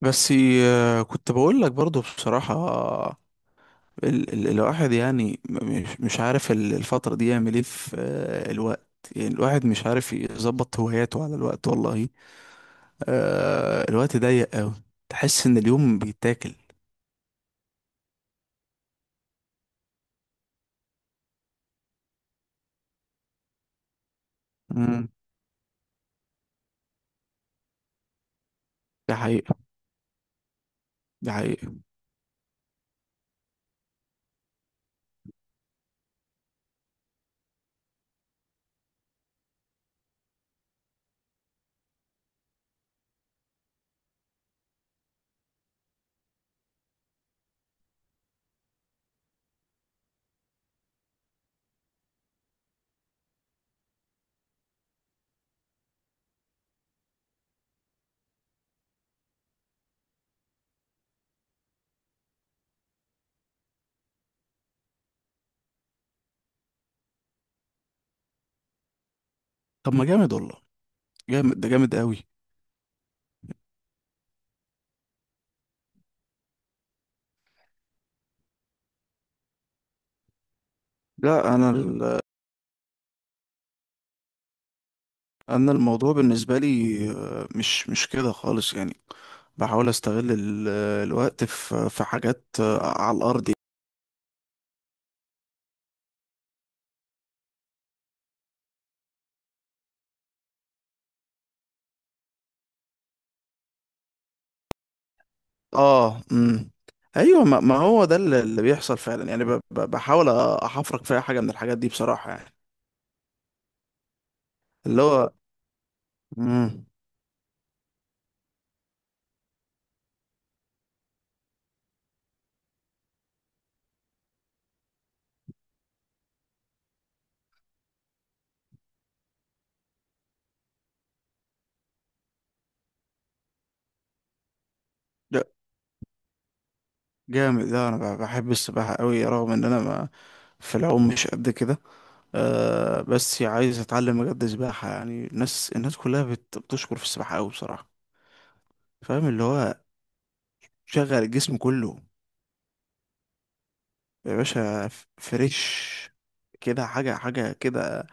بس. كنت بقول لك برضو بصراحة. ال الواحد يعني، مش عارف الفترة دي يعمل ايه في الوقت. يعني الواحد مش عارف يظبط هواياته على الوقت، والله الوقت ضيق قوي. تحس ان اليوم بيتاكل. امم ده حقيقة. ده حقيقة. طب ما جامد والله. جامد، ده جامد قوي. لا انا الموضوع بالنسبة لي مش كده خالص يعني. بحاول استغل الوقت في حاجات على الارض. اه. ايوه، ما هو ده اللي بيحصل فعلا يعني، بحاول احفرك في اي حاجه من الحاجات دي بصراحه يعني. اللي هو. امم لا جامد ده. انا بحب السباحه قوي، رغم ان انا ما في العوم مش قد كده. آه، بس عايز اتعلم بجد سباحه. يعني الناس، الناس كلها بتشكر في السباحه قوي بصراحه. فاهم اللي هو؟ شغل الجسم كله. يا باشا فريش كده، حاجه حاجه كده.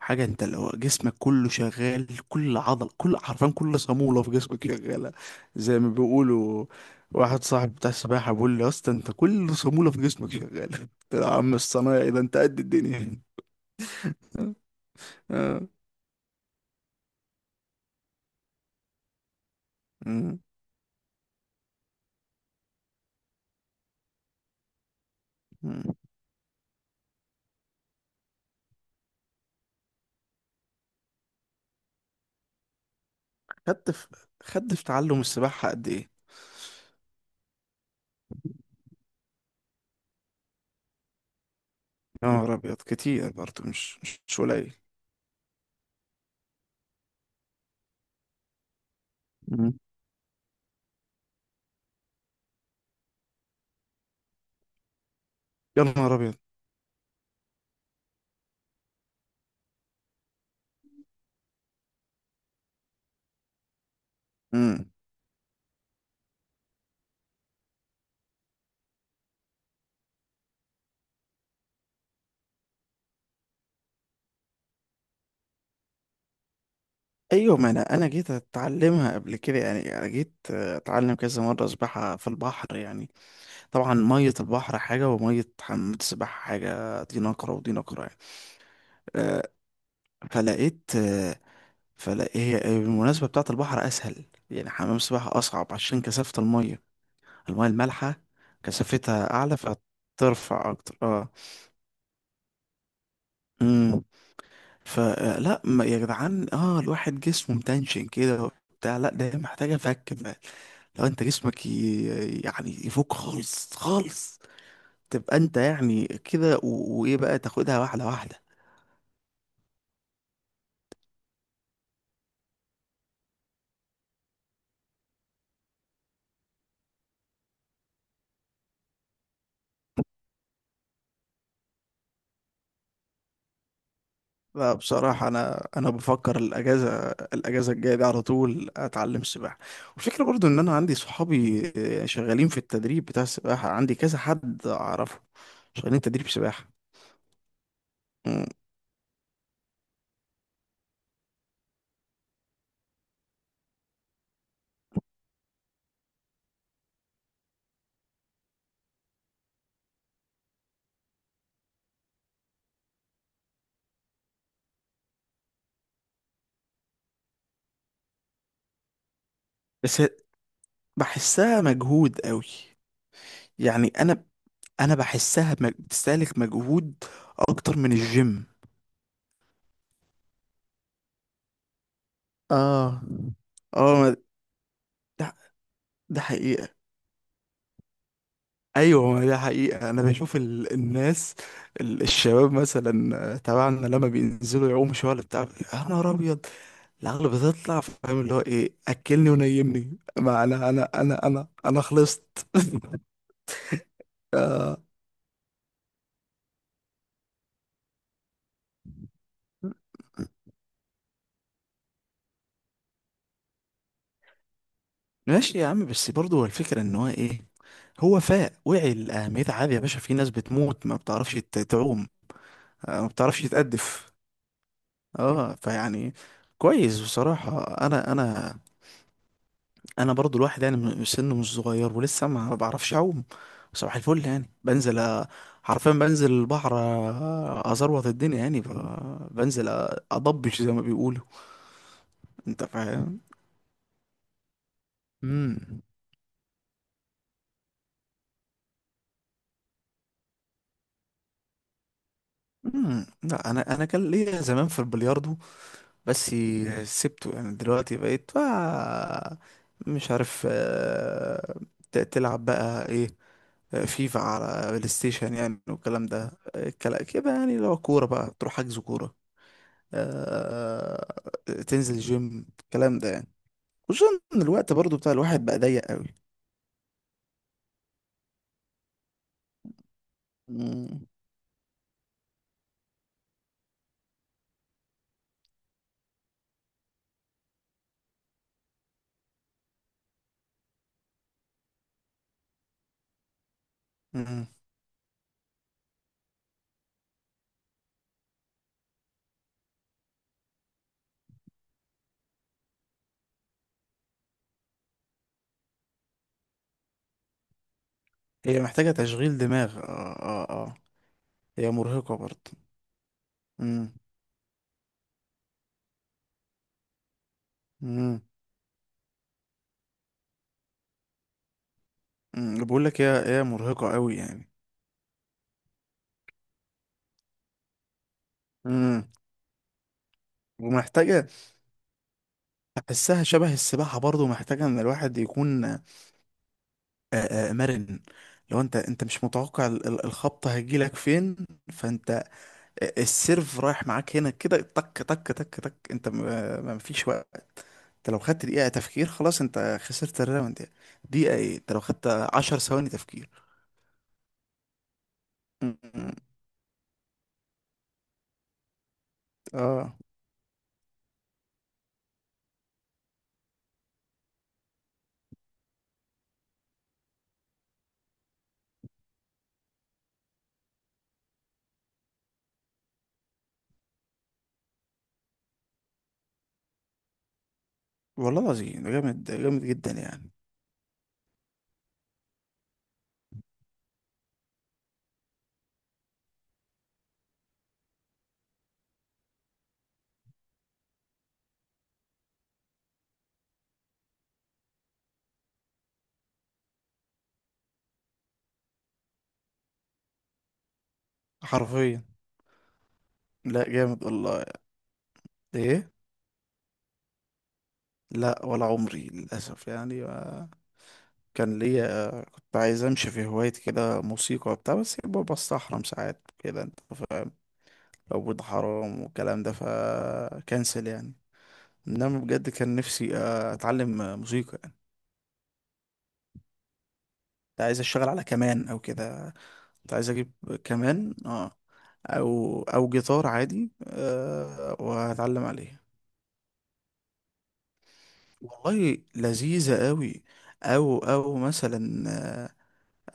حاجة انت لو جسمك كله شغال، كل عضل، كل، حرفيا كل صامولة في جسمك شغالة، زي ما بيقولوا. واحد صاحب بتاع السباحة بيقول لي: يا اسطى، انت كل صامولة في جسمك شغالة. قلت له: يا عم الصنايعي، ده انت قد الدنيا. اه. مم. مم. خدت في خدت في تعلم السباحة قد ايه؟ يا نهار ابيض، كتير برضه، مش قليل. مم. يا نهار ابيض. مم. ايوه ما انا جيت اتعلمها قبل كده، يعني انا جيت اتعلم كذا مرة سباحة في البحر يعني. طبعا مية البحر حاجة ومية حمام السباحة حاجة، دي نقرة ودي نقرة يعني. آه، فلقيت، هي بالمناسبة بتاعة البحر أسهل. يعني حمام السباحة أصعب عشان كثافة المية، المية المالحة كثافتها أعلى فترفع أكتر. اه. امم فلا ما يا جدعان، اه الواحد جسمه متنشن كده بتاع. لا ده هي محتاجة فك بقى. لو انت جسمك يعني يفك خالص خالص، تبقى انت يعني كده وايه بقى، تاخدها واحدة واحدة. لا بصراحة أنا بفكر الأجازة، الجاية دي على طول أتعلم سباحة. والفكرة برضو إن أنا عندي صحابي شغالين في التدريب بتاع السباحة، عندي كذا حد أعرفه شغالين تدريب سباحة. مم. بس بحسها مجهود قوي. يعني أنا بحسها بتستهلك مجهود أكتر من الجيم. آه آه ما- ده, ده حقيقة. ايوه ما دي حقيقة، انا بشوف الناس، الشباب مثلا تبعنا لما بينزلوا يعوموا شوية ولا بتاع. يا نهار ابيض، العقل بتطلع. فاهم اللي هو ايه؟ اكلني ونيمني، ما انا انا خلصت. آه، ماشي يا عم. بس برضه هو الفكرة ان هو ايه، هو فاق وعي لأهميتها. عادي يا باشا، في ناس بتموت ما بتعرفش تعوم. آه، ما بتعرفش تأدف. اه فيعني كويس بصراحة. انا انا برضو، الواحد يعني، سنه مش صغير ولسه ما بعرفش اعوم. صباح الفل يعني، بنزل، أ- حرفيا بنزل البحر، ازروط الدنيا يعني. بنزل اضبش زي ما بيقولوا. انت فاهم. امم. لا انا، كان ليا زمان في البلياردو، بس سبته. يعني دلوقتي بقيت بقى مش عارف تلعب بقى ايه، فيفا على بلاي ستيشن يعني، والكلام ده. الكلام كده يعني، لو كورة بقى تروح حجز كورة، آه، تنزل جيم، الكلام ده يعني. خصوصا ان الوقت برضو بتاع الواحد بقى ضيق قوي. مم. مم. هي محتاجة تشغيل دماغ. اه اه اه. هي مرهقة برضو. مم. مم. مم. بقول لك، هي مرهقة قوي يعني. مم. ومحتاجة، أحسها شبه السباحة برضو، محتاجة إن الواحد يكون مرن. لو أنت مش متوقع الخبطة هتجيلك فين. فأنت السيرف رايح معاك هنا كده، تك تك تك تك، انت مفيش وقت. انت لو خدت دقيقة تفكير خلاص، انت خسرت الراوند يعني. دقيقة ايه، انت لو خدت 10 ثواني تفكير. م- م- اه والله العظيم، ده جامد، ده جامد جدا يعني. حرفيا. لا جامد والله. ايه. لا ولا عمري للأسف يعني، كان ليا، كنت عايز امشي في هواية كده، موسيقى وبتاع، بس بستحرم ساعات كده انت فاهم. عبود، حرام والكلام ده، فكنسل يعني. انما بجد كان نفسي اتعلم موسيقى يعني. كنت عايز اشتغل على كمان او كده. كنت عايز اجيب كمان. اه، او او جيتار عادي، آه، وهتعلم عليه. والله لذيذة قوي. او او مثلا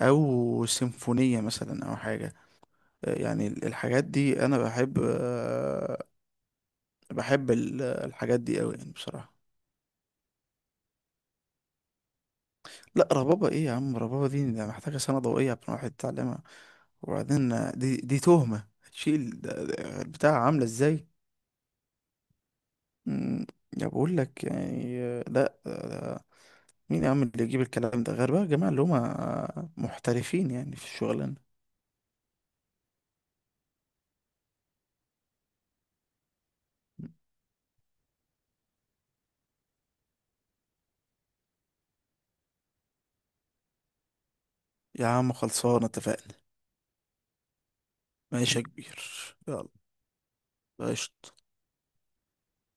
او سيمفونية مثلا او حاجة. يعني الحاجات دي انا بحب، بحب الحاجات دي قوي يعني بصراحة. لا ربابة ايه يا عم، ربابة دي، ده محتاجة سنة ضوئية عشان واحد يتعلمها. وبعدين دي تهمة هتشيل. ده البتاع عاملة ازاي. مم، ده بقول لك يعني. لا ده، مين يا عم اللي يجيب الكلام ده غير بقى الجماعة اللي هما محترفين يعني في الشغلانة. يا عم خلصانة، اتفقنا. ماشي يا كبير. يلا. قشطة.